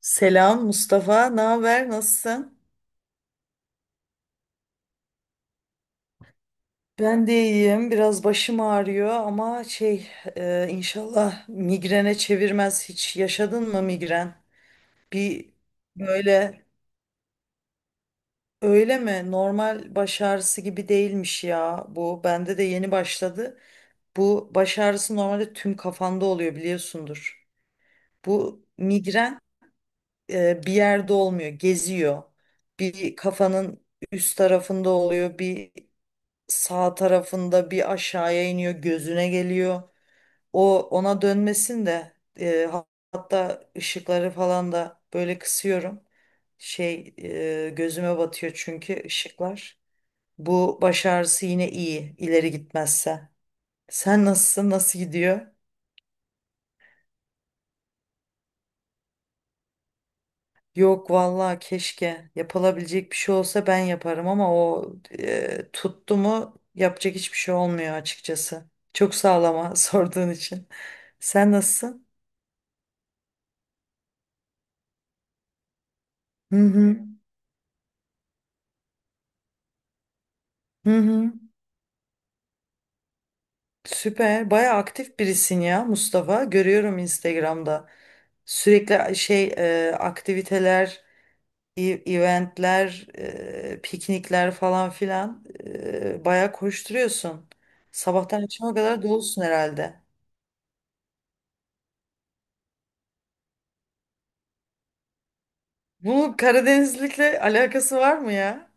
Selam Mustafa, ne haber? Nasılsın? Ben de iyiyim. Biraz başım ağrıyor ama şey inşallah migrene çevirmez. Hiç yaşadın mı migren? Bir böyle öyle mi? Normal baş ağrısı gibi değilmiş ya bu. Bende de yeni başladı. Bu baş ağrısı normalde tüm kafanda oluyor biliyorsundur. Bu migren bir yerde olmuyor, geziyor. Bir kafanın üst tarafında oluyor, bir sağ tarafında bir aşağıya iniyor gözüne geliyor. O ona dönmesin de e, ha- hatta ışıkları falan da böyle kısıyorum. Şey gözüme batıyor çünkü ışıklar. Bu baş ağrısı yine iyi ileri gitmezse. Sen nasılsın? Nasıl gidiyor? Yok vallahi keşke yapılabilecek bir şey olsa ben yaparım ama o tuttu mu yapacak hiçbir şey olmuyor açıkçası. Çok sağlama sorduğun için. Sen nasılsın? Hı hı. Hı hı. Süper. Bayağı aktif birisin ya Mustafa. Görüyorum Instagram'da. Sürekli şey aktiviteler, eventler, piknikler falan filan bayağı koşturuyorsun. Sabahtan akşama kadar dolusun herhalde. Bunun Karadenizlikle alakası var mı ya?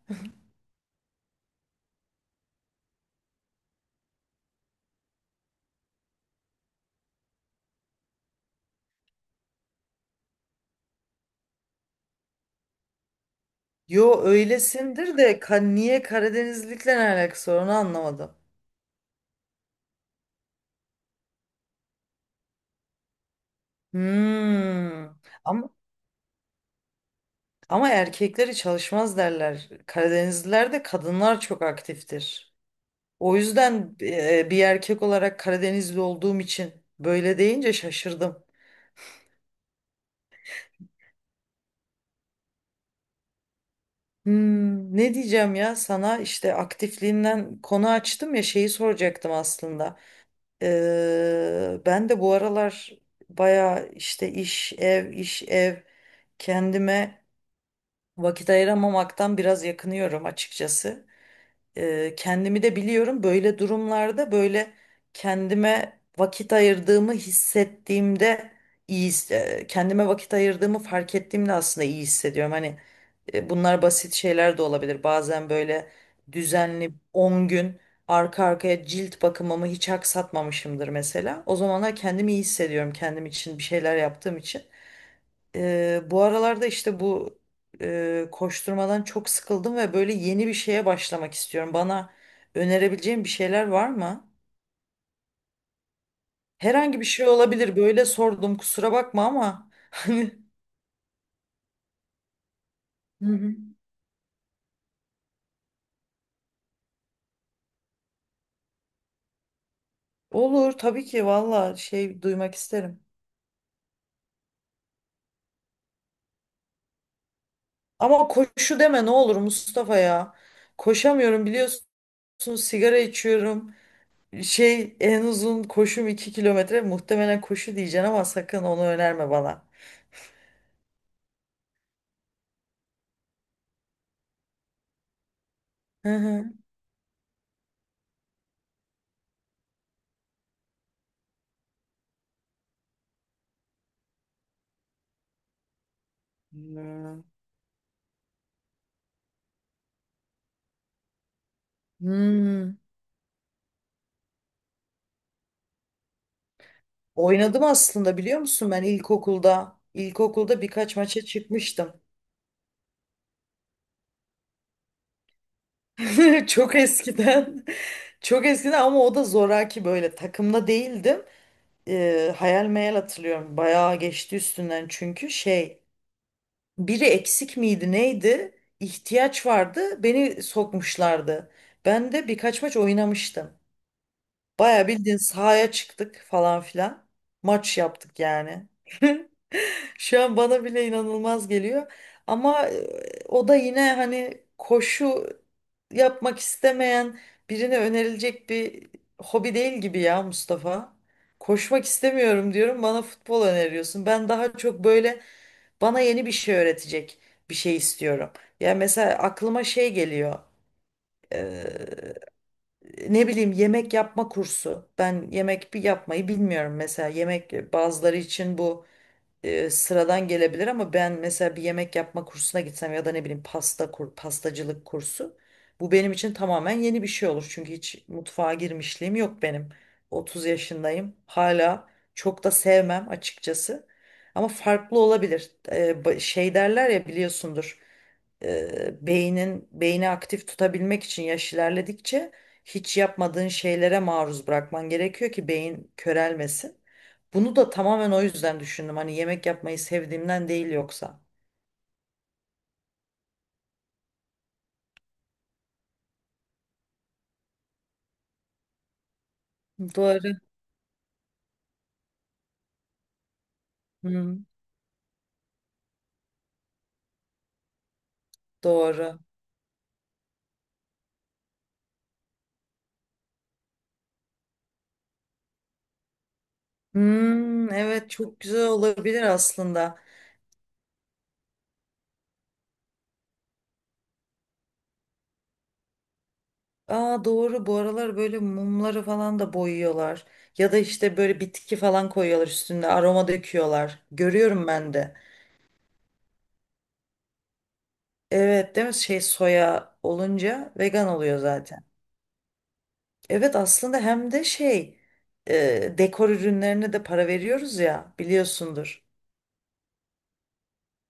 Yo öylesindir de niye Karadenizlikle ne alakası var onu anlamadım. Hmm. Ama Ama erkekleri çalışmaz derler. Karadenizlilerde kadınlar çok aktiftir. O yüzden bir erkek olarak Karadenizli olduğum için böyle deyince şaşırdım. Hmm, ne diyeceğim ya sana işte aktifliğinden konu açtım ya şeyi soracaktım aslında. Ben de bu aralar baya işte iş ev iş ev kendime vakit ayıramamaktan biraz yakınıyorum açıkçası. Kendimi de biliyorum böyle durumlarda böyle kendime vakit ayırdığımı hissettiğimde iyi kendime vakit ayırdığımı fark ettiğimde aslında iyi hissediyorum. Hani bunlar basit şeyler de olabilir. Bazen böyle düzenli 10 gün arka arkaya cilt bakımımı hiç aksatmamışımdır mesela. O zamanlar kendimi iyi hissediyorum kendim için bir şeyler yaptığım için. Bu aralarda işte bu koşturmadan çok sıkıldım ve böyle yeni bir şeye başlamak istiyorum. Bana önerebileceğin bir şeyler var mı? Herhangi bir şey olabilir. Böyle sordum kusura bakma ama hani. Hı hı. Olur tabii ki valla şey duymak isterim. Ama koşu deme ne olur Mustafa ya. Koşamıyorum biliyorsun sigara içiyorum. Şey en uzun koşum 2 kilometre muhtemelen koşu diyeceksin ama sakın onu önerme bana. Hı hı. Hmm. Oynadım aslında biliyor musun ben ilkokulda. İlkokulda birkaç maça çıkmıştım. Çok eskiden. Çok eskiden ama o da zoraki böyle takımda değildim. Hayal meyal hatırlıyorum. Bayağı geçti üstünden çünkü şey biri eksik miydi neydi? İhtiyaç vardı. Beni sokmuşlardı. Ben de birkaç maç oynamıştım. Bayağı bildiğin sahaya çıktık falan filan. Maç yaptık yani. Şu an bana bile inanılmaz geliyor. Ama o da yine hani koşu yapmak istemeyen birine önerilecek bir hobi değil gibi ya Mustafa. Koşmak istemiyorum diyorum bana futbol öneriyorsun. Ben daha çok böyle bana yeni bir şey öğretecek bir şey istiyorum. Ya mesela aklıma şey geliyor. e, ne bileyim yemek yapma kursu. Ben yemek bir yapmayı bilmiyorum mesela. Yemek bazıları için bu sıradan gelebilir ama ben mesela bir yemek yapma kursuna gitsem ya da ne bileyim pastacılık kursu bu benim için tamamen yeni bir şey olur. Çünkü hiç mutfağa girmişliğim yok benim. 30 yaşındayım. Hala çok da sevmem açıkçası. Ama farklı olabilir. Şey derler ya biliyorsundur. Beynin beyni aktif tutabilmek için yaş ilerledikçe hiç yapmadığın şeylere maruz bırakman gerekiyor ki beyin körelmesin. Bunu da tamamen o yüzden düşündüm. Hani yemek yapmayı sevdiğimden değil yoksa. Doğru. Hı, doğru. Hmm, evet çok güzel olabilir aslında. Aa doğru bu aralar böyle mumları falan da boyuyorlar. Ya da işte böyle bitki falan koyuyorlar üstünde aroma döküyorlar. Görüyorum ben de. Evet değil mi? Şey soya olunca vegan oluyor zaten. Evet aslında hem de şey dekor ürünlerine de para veriyoruz ya biliyorsundur.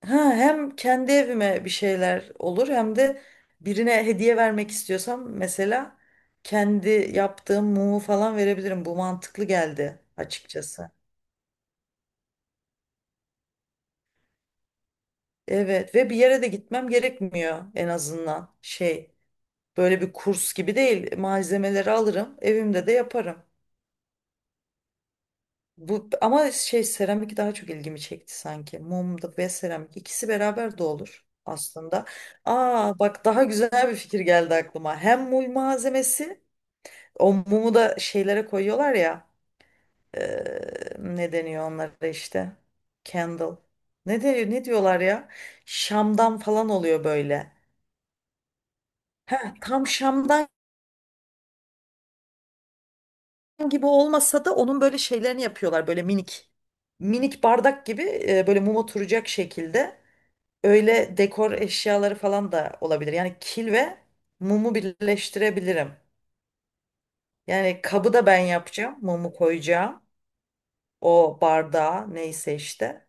Ha, hem kendi evime bir şeyler olur hem de birine hediye vermek istiyorsam mesela kendi yaptığım mumu falan verebilirim. Bu mantıklı geldi açıkçası. Evet ve bir yere de gitmem gerekmiyor en azından şey böyle bir kurs gibi değil malzemeleri alırım evimde de yaparım. Bu ama şey seramik daha çok ilgimi çekti sanki. Mum da ve seramik ikisi beraber de olur aslında. Aa bak daha güzel bir fikir geldi aklıma. Hem mum malzemesi. O mumu da şeylere koyuyorlar ya. Ne deniyor onlara işte? Candle. Ne diyor, ne diyorlar ya? Şamdan falan oluyor böyle. Heh, tam şamdan gibi olmasa da onun böyle şeylerini yapıyorlar böyle minik. Minik bardak gibi böyle mum oturacak şekilde. Öyle dekor eşyaları falan da olabilir. Yani kil ve mumu birleştirebilirim. Yani kabı da ben yapacağım. Mumu koyacağım. O bardağa neyse işte.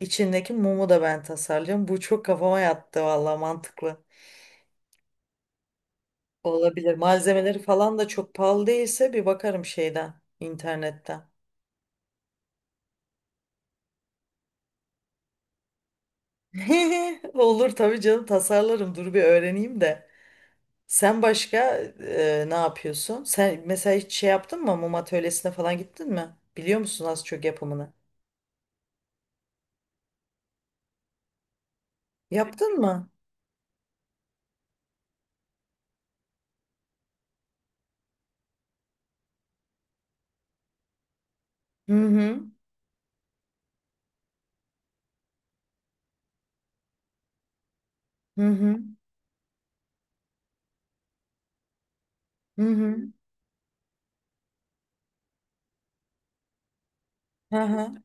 İçindeki mumu da ben tasarlıyorum. Bu çok kafama yattı valla mantıklı. Olabilir. Malzemeleri falan da çok pahalı değilse bir bakarım şeyden, internetten. Olur tabii canım tasarlarım. Dur bir öğreneyim de. Sen başka ne yapıyorsun? Sen mesela hiç şey yaptın mı? Mum atölyesine falan gittin mi? Biliyor musun az çok yapımını? Yaptın mı? Hı hı. Hı hı. Hı hı. Hı hı.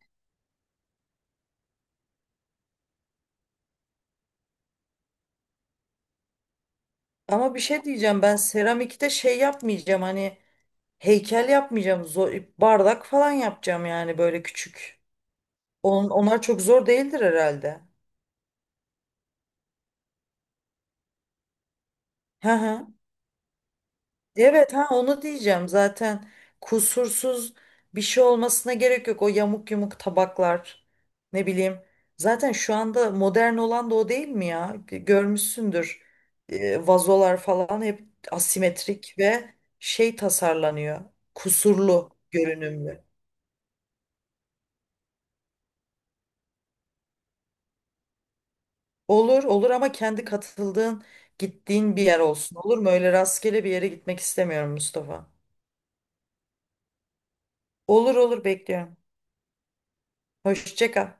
Ama bir şey diyeceğim ben seramikte şey yapmayacağım hani. Heykel yapmayacağım. Bardak falan yapacağım yani böyle küçük. Onlar çok zor değildir herhalde. Hı hı. Evet ha onu diyeceğim zaten kusursuz bir şey olmasına gerek yok o yamuk yumuk tabaklar ne bileyim zaten şu anda modern olan da o değil mi ya görmüşsündür. Vazolar falan hep asimetrik ve şey tasarlanıyor kusurlu görünümlü. Olur olur ama kendi katıldığın gittiğin bir yer olsun olur mu? Öyle rastgele bir yere gitmek istemiyorum Mustafa. Olur olur bekliyorum. Hoşça kal.